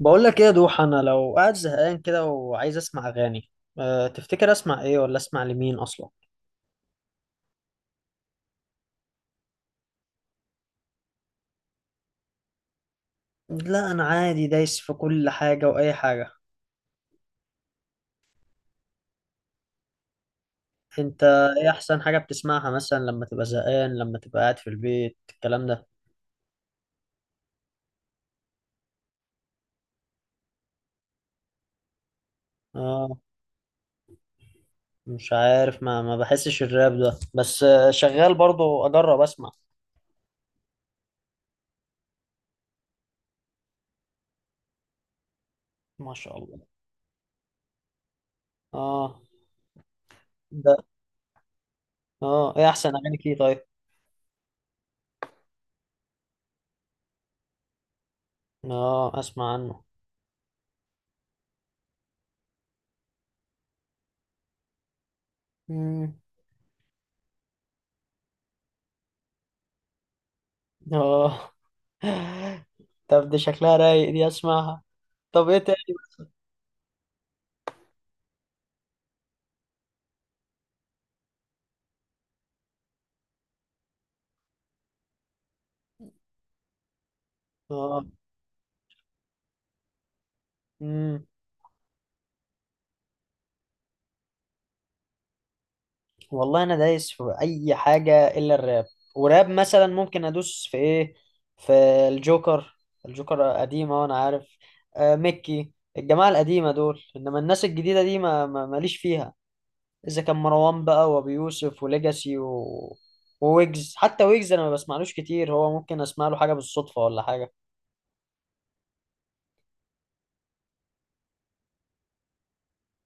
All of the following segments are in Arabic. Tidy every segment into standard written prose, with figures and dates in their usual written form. بقول لك ايه يا دوح، انا لو قاعد زهقان كده وعايز اسمع اغاني. تفتكر اسمع ايه ولا اسمع لمين اصلا؟ لا انا عادي، دايس في كل حاجه واي حاجه. انت؟ ايه احسن حاجه بتسمعها مثلا لما تبقى زهقان، لما تبقى قاعد في البيت الكلام ده؟ اه. مش عارف، ما بحسش الراب ده بس، شغال برضو، اجرب اسمع. ما شاء الله. اه. ده. اه، ايه احسن اغانيك ايه، طيب؟ اه، اسمع عنه. مم. اه. طب دي شكلها رايق، دي اسمعها. طب ايه تاني؟ اه. امم. والله انا دايس في اي حاجه الا الراب، وراب مثلا ممكن ادوس في ايه؟ في الجوكر. الجوكر قديمه وانا عارف. ميكي. الجماعه القديمه دول، انما الناس الجديده دي ماليش فيها. اذا كان مروان بقى وابي يوسف وليجاسي. وويجز، حتى ويجز انا ما بسمعلوش كتير، هو ممكن اسمع له حاجه بالصدفه ولا حاجه.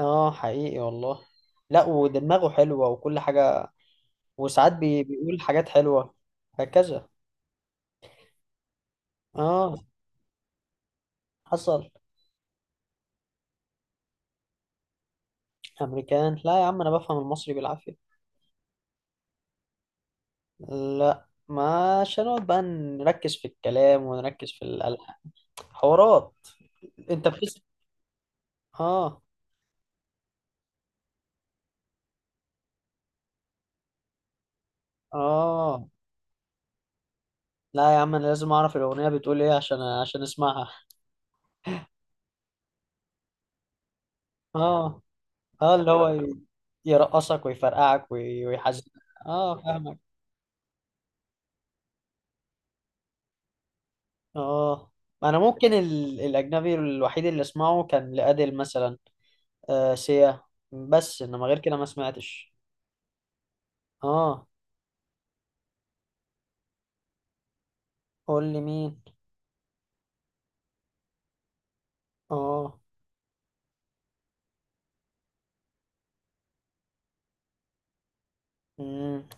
اه، حقيقي والله. لا، ودماغه حلوه وكل حاجه. وساعات بيقول حاجات حلوه. هكذا. اه. حصل. امريكان؟ لا يا عم، انا بفهم المصري بالعافيه. لا ما، عشان نقعد بقى نركز في الكلام ونركز في الالحان. حوارات. انت بتس اه، اه، لا يا عم، انا لازم اعرف الاغنيه بتقول ايه عشان اسمعها. اه، اه، اللي هو يرقصك ويفرقعك ويحزنك. اه، فاهمك. اه، انا ممكن الاجنبي الوحيد اللي اسمعه كان لأديل مثلا. سيا. بس انما غير كده ما سمعتش. اه، قول لي مين. اه. امم.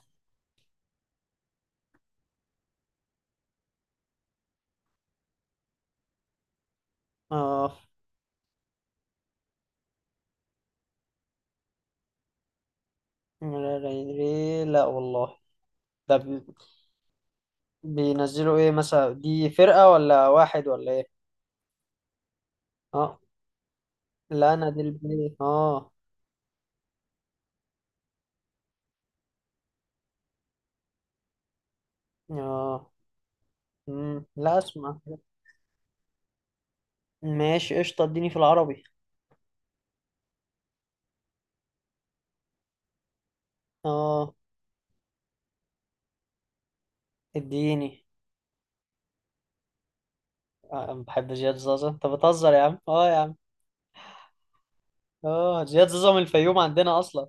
اه، لا لا يدري، لا والله. ده بينزلوا ايه مثلا، دي فرقة ولا واحد ولا ايه؟ اه. لا انا دي البي، اه. اه. امم. لا اسمع. ماشي قشطة، اديني في العربي. اه، اديني. آه، بحب زياد زازا، انت بتهزر يا عم، اه يا عم. اه، زياد زازا من الفيوم عندنا اصلا.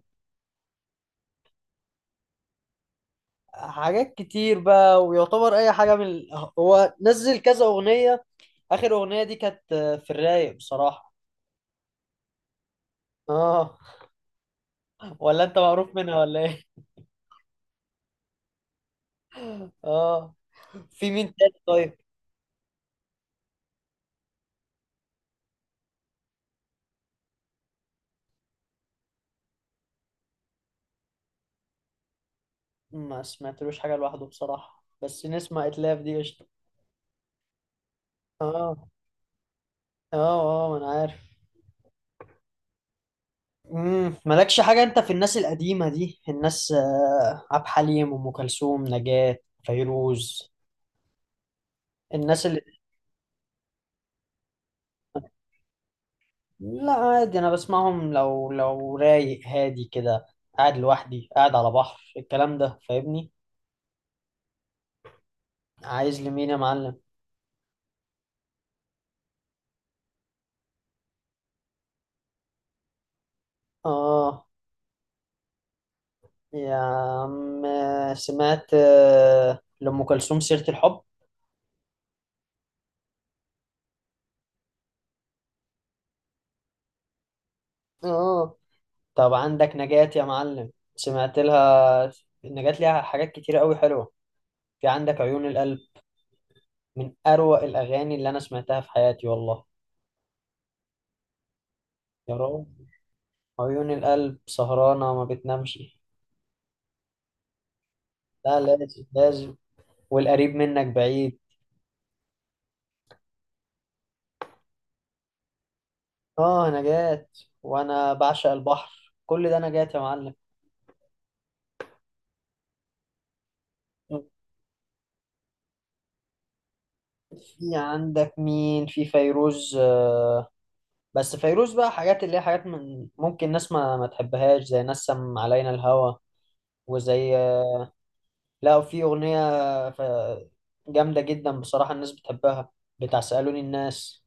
حاجات كتير بقى، ويعتبر اي حاجة هو نزل كذا اغنية. اخر اغنية دي كانت في الرايق بصراحة. اه. ولا انت معروف منها ولا ايه؟ اه، في مين تاني طيب؟ ما سمعتلوش حاجة لوحده بصراحة، بس نسمع اتلاف دي قشطة. اه، اه، اه، ما انا عارف. مالكش حاجة انت في الناس القديمة دي، الناس عبد الحليم، ام كلثوم، نجاة، فيروز. الناس اللي. لا عادي، انا بسمعهم لو رايق، هادي كده، قاعد لوحدي، قاعد على بحر، الكلام ده فاهمني؟ عايز لمين يا معلم؟ اه يا عم، سمعت لأم كلثوم سيرة الحب؟ اه. طب عندك نجاة يا معلم، سمعت لها؟ نجاة ليها حاجات كتير قوي حلوة. في عندك عيون القلب. من أروع الأغاني اللي أنا سمعتها في حياتي والله. يا رب، عيون القلب سهرانة ما بتنامش. لا، لازم لازم. والقريب منك بعيد. آه، نجاة. وأنا بعشق البحر كل ده نجاة يا معلم. في عندك مين؟ في فيروز، بس فيروز بقى حاجات اللي هي حاجات، من ممكن ناس ما تحبهاش، زي نسم علينا الهوى. وزي، لا في أغنية ف- جامدة جدا بصراحة، الناس بتحبها. بتاع سألوني الناس،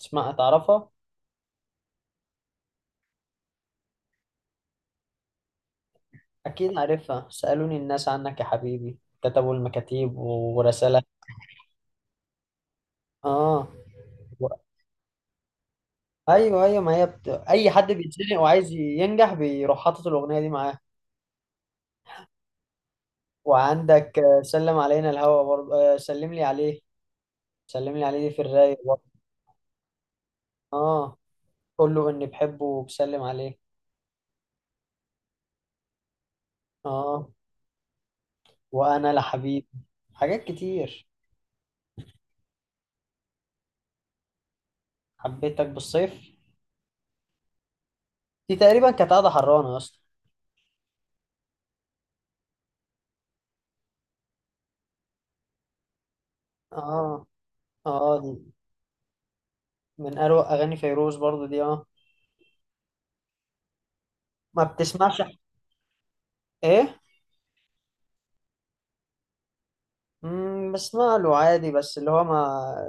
اسمها، تعرفها؟ أكيد عارفها، سألوني الناس عنك يا حبيبي، كتبوا المكاتيب ورسالة. آه. و- أيوه أيوه، ما هي أي حد بيتزنق وعايز ينجح، بيروح حاطط الأغنية دي معاه. وعندك سلم علينا الهوى برضه، سلم لي عليه. سلم لي عليه دي في الرايق برضه، آه. قول له اني بحبه وبسلم عليه. اه، وانا لحبيب، حاجات كتير. حبيتك بالصيف دي، تقريبا كانت قاعده حرانه يا اسطى. اه، اه، دي من اروع اغاني فيروز برضو دي. اه. ما بتسمعش؟ ايه؟ بسمع له عادي، بس اللي هو ما،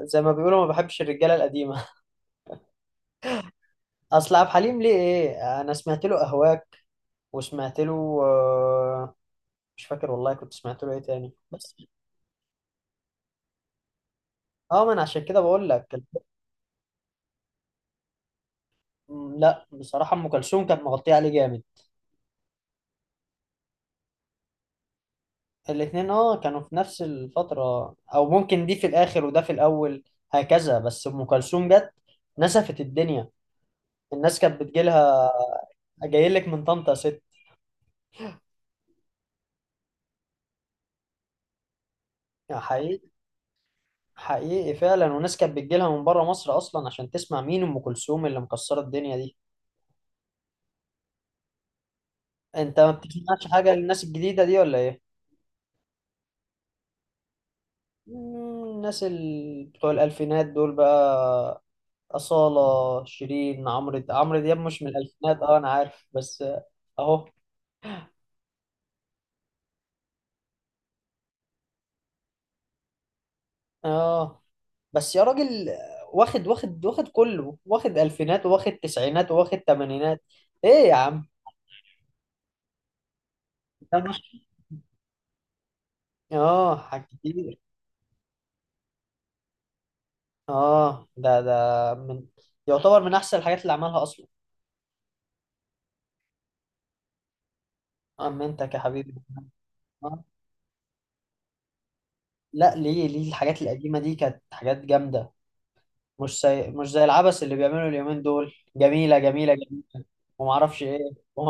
زي ما بيقولوا ما بحبش الرجاله القديمه. اصل عبد الحليم ليه ايه، انا سمعت له اهواك، وسمعت له، مش فاكر والله كنت سمعت له ايه تاني بس. اه، ما انا عشان كده بقول لك. لا بصراحه، ام كلثوم كانت مغطيه عليه جامد. الاتنين كانوا في نفس الفترة، او ممكن دي في الاخر وده في الاول. هكذا، بس ام كلثوم جت نسفت الدنيا، الناس كانت بتجيلها. جايلك من طنطا يا ست. يعني حقيقي. حقيقي فعلا، وناس كانت بتجيلها من بره مصر اصلا عشان تسمع مين ام كلثوم اللي مكسرة الدنيا دي. انت ما بتسمعش حاجة للناس الجديدة دي ولا ايه؟ الناس بتوع الالفينات دول بقى، أصالة، شيرين، عمرو دياب مش من الالفينات، انا عارف بس، اهو. اه، بس يا راجل، واخد واخد واخد، كله واخد، الفينات واخد، تسعينات واخد، تمانينات. ايه يا عم ده مش، اه حاجات كتير. اه، ده من، يعتبر من احسن الحاجات اللي عملها اصلا. اما انت يا حبيبي. آه. لا، ليه الحاجات القديمه دي كانت حاجات جامده، مش زي العبث اللي بيعملوا اليومين دول، جميله جميله جميله. وما اعرفش ايه.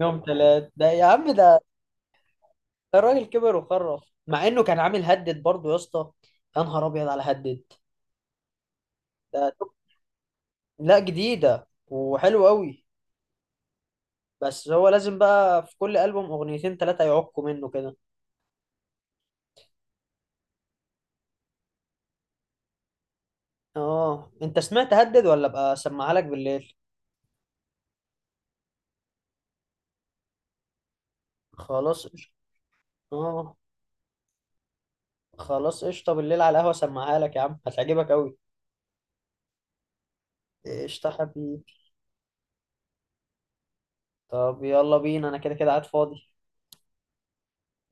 يوم ثلاث ده، يا عم ده. الراجل كبر وخرف، مع انه كان عامل هدد برضه يا اسطى. يا نهار ابيض على هدد ده. لا، جديده وحلو قوي. بس هو لازم بقى في كل البوم اغنيتين ثلاثه يعقوا منه كده. اه، انت سمعت هدد ولا ابقى اسمعها لك بالليل؟ خلاص قشطة. اه، خلاص قشطه، بالليل على القهوه اسمعها لك يا عم، هتعجبك قوي. قشطه حبيبي. طب يلا بينا، انا كده كده قاعد فاضي.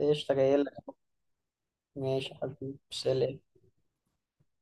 قشطه، جاي لك. ماشي يا حبيبي، سلام.